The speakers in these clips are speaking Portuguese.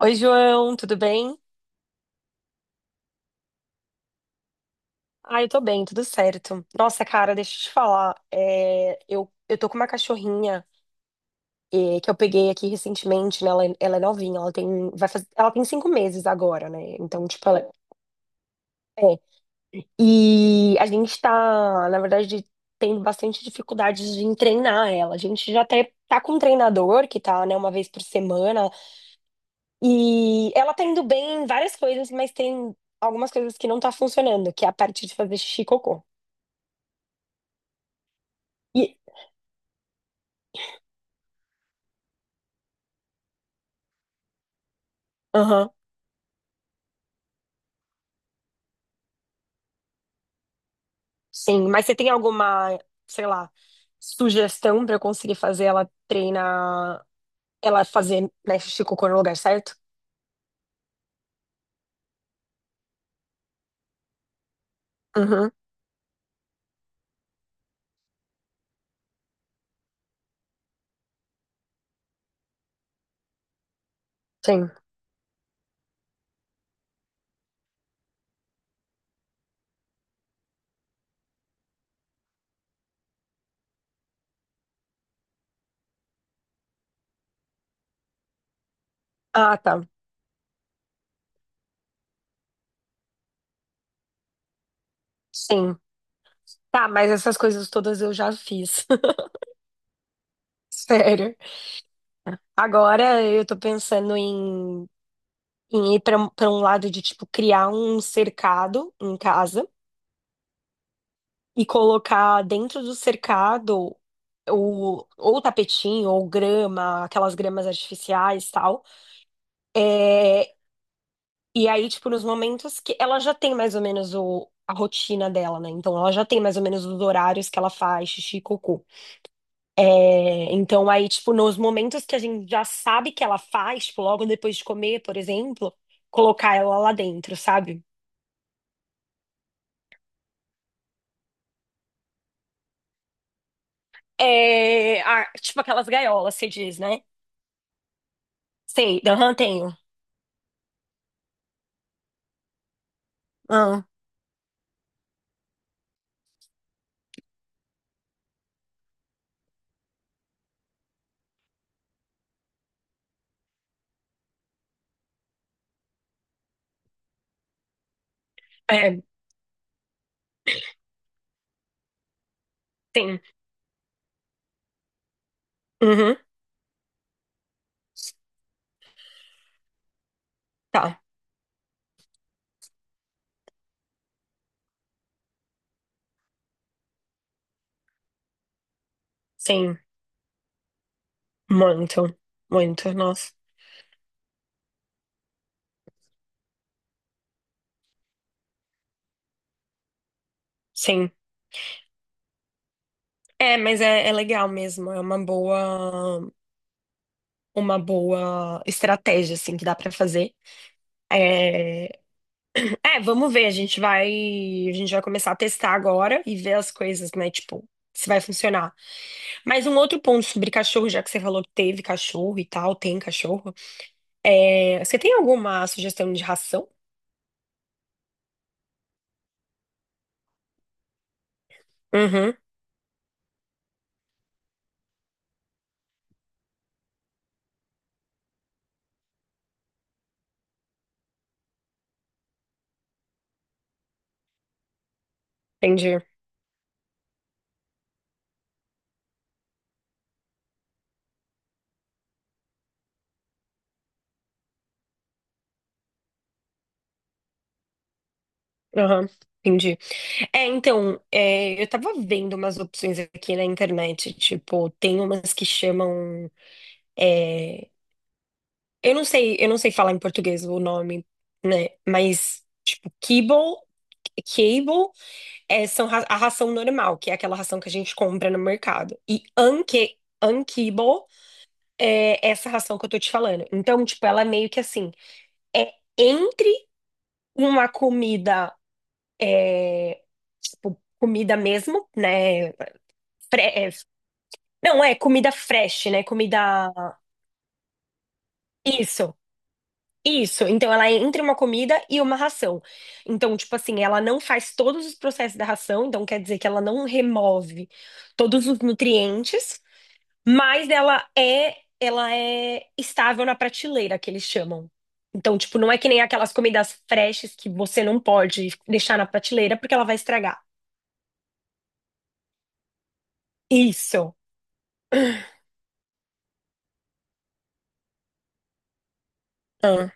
Oi, João, tudo bem? Ah, eu tô bem, tudo certo. Nossa, cara, deixa eu te falar. Eu tô com uma cachorrinha que eu peguei aqui recentemente, né? Ela é novinha, ela tem, vai fazer, ela tem 5 meses agora, né? Então, tipo, ela é. E a gente tá, na verdade, tendo bastante dificuldades de treinar ela. A gente já até tá com um treinador que tá, né, uma vez por semana. E ela tá indo bem em várias coisas, mas tem algumas coisas que não tá funcionando, que é a parte de fazer xixi e cocô. E Aham, sim. Mas você tem alguma, sei lá, sugestão pra eu conseguir fazer ela treinar, ela fazer, né, xixi e cocô no lugar certo? Uhum, sim. Ah, tá. Sim. Tá, mas essas coisas todas eu já fiz. Sério. Agora eu tô pensando em ir pra um lado de, tipo, criar um cercado em casa e colocar dentro do cercado ou tapetinho, ou grama, aquelas gramas artificiais e tal. É, e aí, tipo, nos momentos que ela já tem mais ou menos o, a rotina dela, né? Então, ela já tem mais ou menos os horários que ela faz xixi e cocô. É, então, aí, tipo, nos momentos que a gente já sabe que ela faz, tipo, logo depois de comer, por exemplo, colocar ela lá dentro, sabe? É, ah, tipo aquelas gaiolas, você diz, né? Sei, aham, tenho. Ah, é, tem. Uhum. Tá, sim. Muito, muito, nossa. Sim. É, mas é legal mesmo. É uma uma boa estratégia, assim, que dá pra fazer. É, é, vamos ver. A gente vai começar a testar agora e ver as coisas, né? Tipo, se vai funcionar. Mas um outro ponto sobre cachorro, já que você falou que teve cachorro e tal, tem cachorro. É, você tem alguma sugestão de ração? Uhum, entendi. Aham, entendi. É, então, é, eu tava vendo umas opções aqui na internet, tipo, tem umas que chamam, é, eu não sei falar em português o nome, né, mas, tipo, kibble, é, são a ração normal, que é aquela ração que a gente compra no mercado, e unkibble é essa ração que eu tô te falando. Então, tipo, ela é meio que assim, é entre uma comida, tipo, comida mesmo, né. Não, é comida fresh, né? Comida. Isso, isso. Então, ela é entre uma comida e uma ração. Então, tipo assim, ela não faz todos os processos da ração, então quer dizer que ela não remove todos os nutrientes, mas ela é estável na prateleira, que eles chamam. Então, tipo, não é que nem aquelas comidas freshes que você não pode deixar na prateleira porque ela vai estragar. Isso. Ah,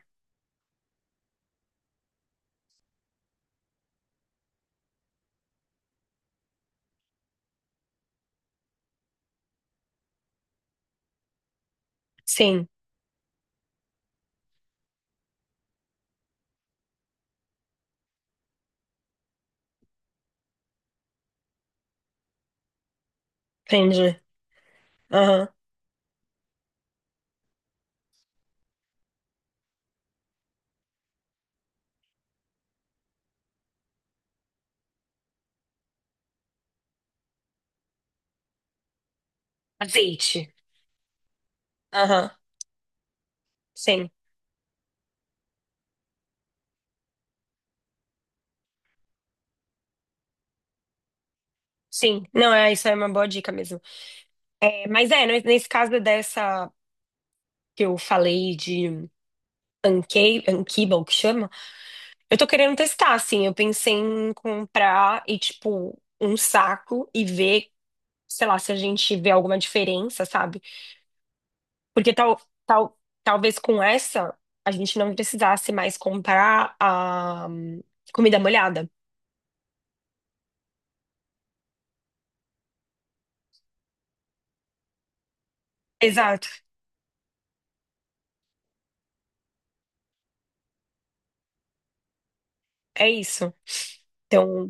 sim, entendi. Aham. Azeite. Aham, sim. Sim, não, é, isso é uma boa dica mesmo. É, mas é, nesse caso dessa que eu falei de Ankiba, o que chama, eu tô querendo testar, assim, eu pensei em comprar e, tipo, um saco e ver, sei lá, se a gente vê alguma diferença, sabe? Porque tal, talvez com essa a gente não precisasse mais comprar a comida molhada. Exato, é isso. Então.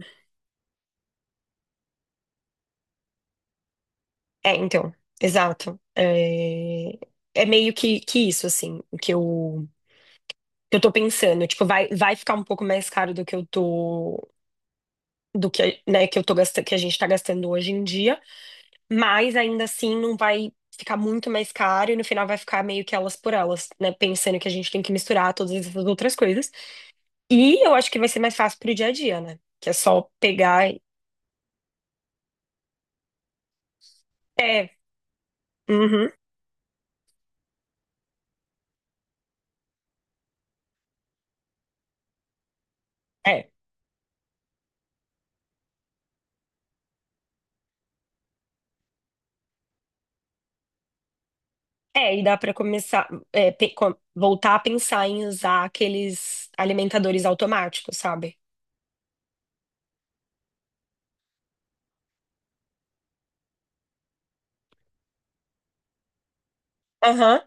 É, então, exato. É, é meio que isso, assim, o que eu tô pensando. Tipo, vai ficar um pouco mais caro do que eu tô, do que, né, que eu tô gastando, que a gente tá gastando hoje em dia, mas ainda assim não vai ficar muito mais caro e no final vai ficar meio que elas por elas, né? Pensando que a gente tem que misturar todas essas outras coisas. E eu acho que vai ser mais fácil pro dia a dia, né? Que é só pegar. E- É, uhum, é. É, e dá para começar, é, voltar a pensar em usar aqueles alimentadores automáticos, sabe? Aham,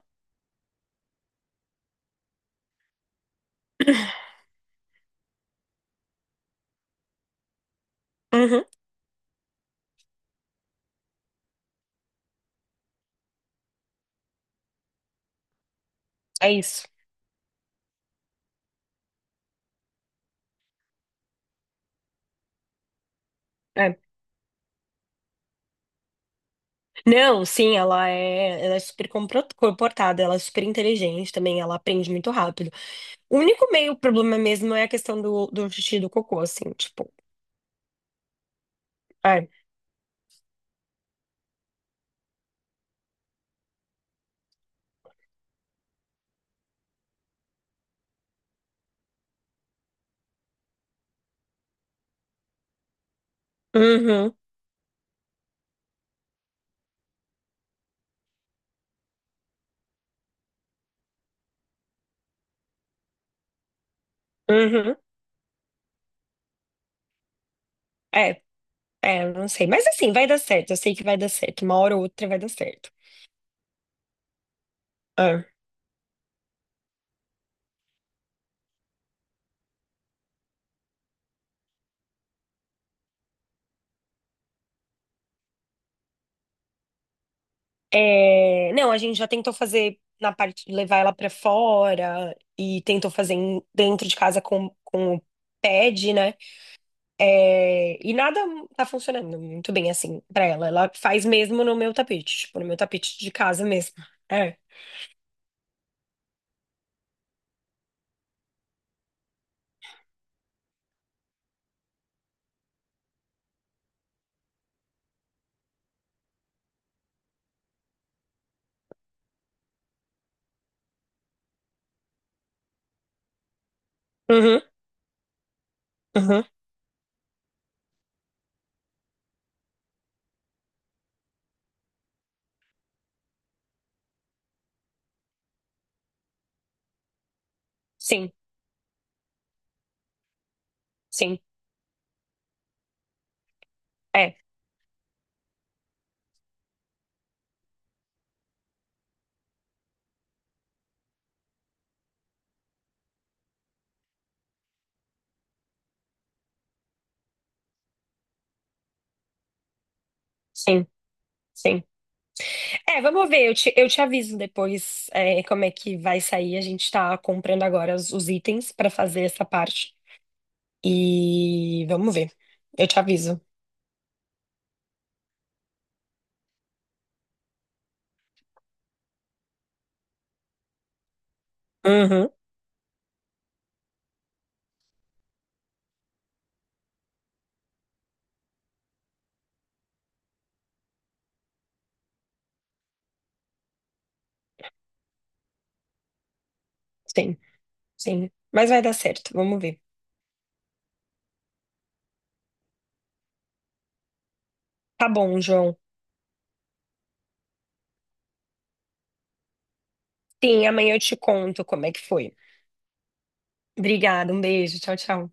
uhum, é isso. É. Não, sim, ela é super comportada, ela é super inteligente também, ela aprende muito rápido. O único meio problema mesmo é a questão do xixi e do cocô, assim, tipo, é. Uhum, uhum, é, é, eu não sei. Mas assim, vai dar certo, eu sei que vai dar certo, uma hora ou outra vai dar certo. É. É, não, a gente já tentou fazer na parte de levar ela pra fora e tentou fazer dentro de casa com o pad, né? É, e nada tá funcionando muito bem assim pra ela. Ela faz mesmo no meu tapete, tipo, no meu tapete de casa mesmo. É. Uhum, uhum. Sim, sim. É, sim, sim. É, vamos ver, eu te aviso depois, é, como é que vai sair. A gente tá comprando agora os itens pra fazer essa parte. E vamos ver. Eu te aviso. Uhum, sim, sim. Mas vai dar certo, vamos ver. Tá bom, João. Sim, amanhã eu te conto como é que foi. Obrigada, um beijo. Tchau, tchau.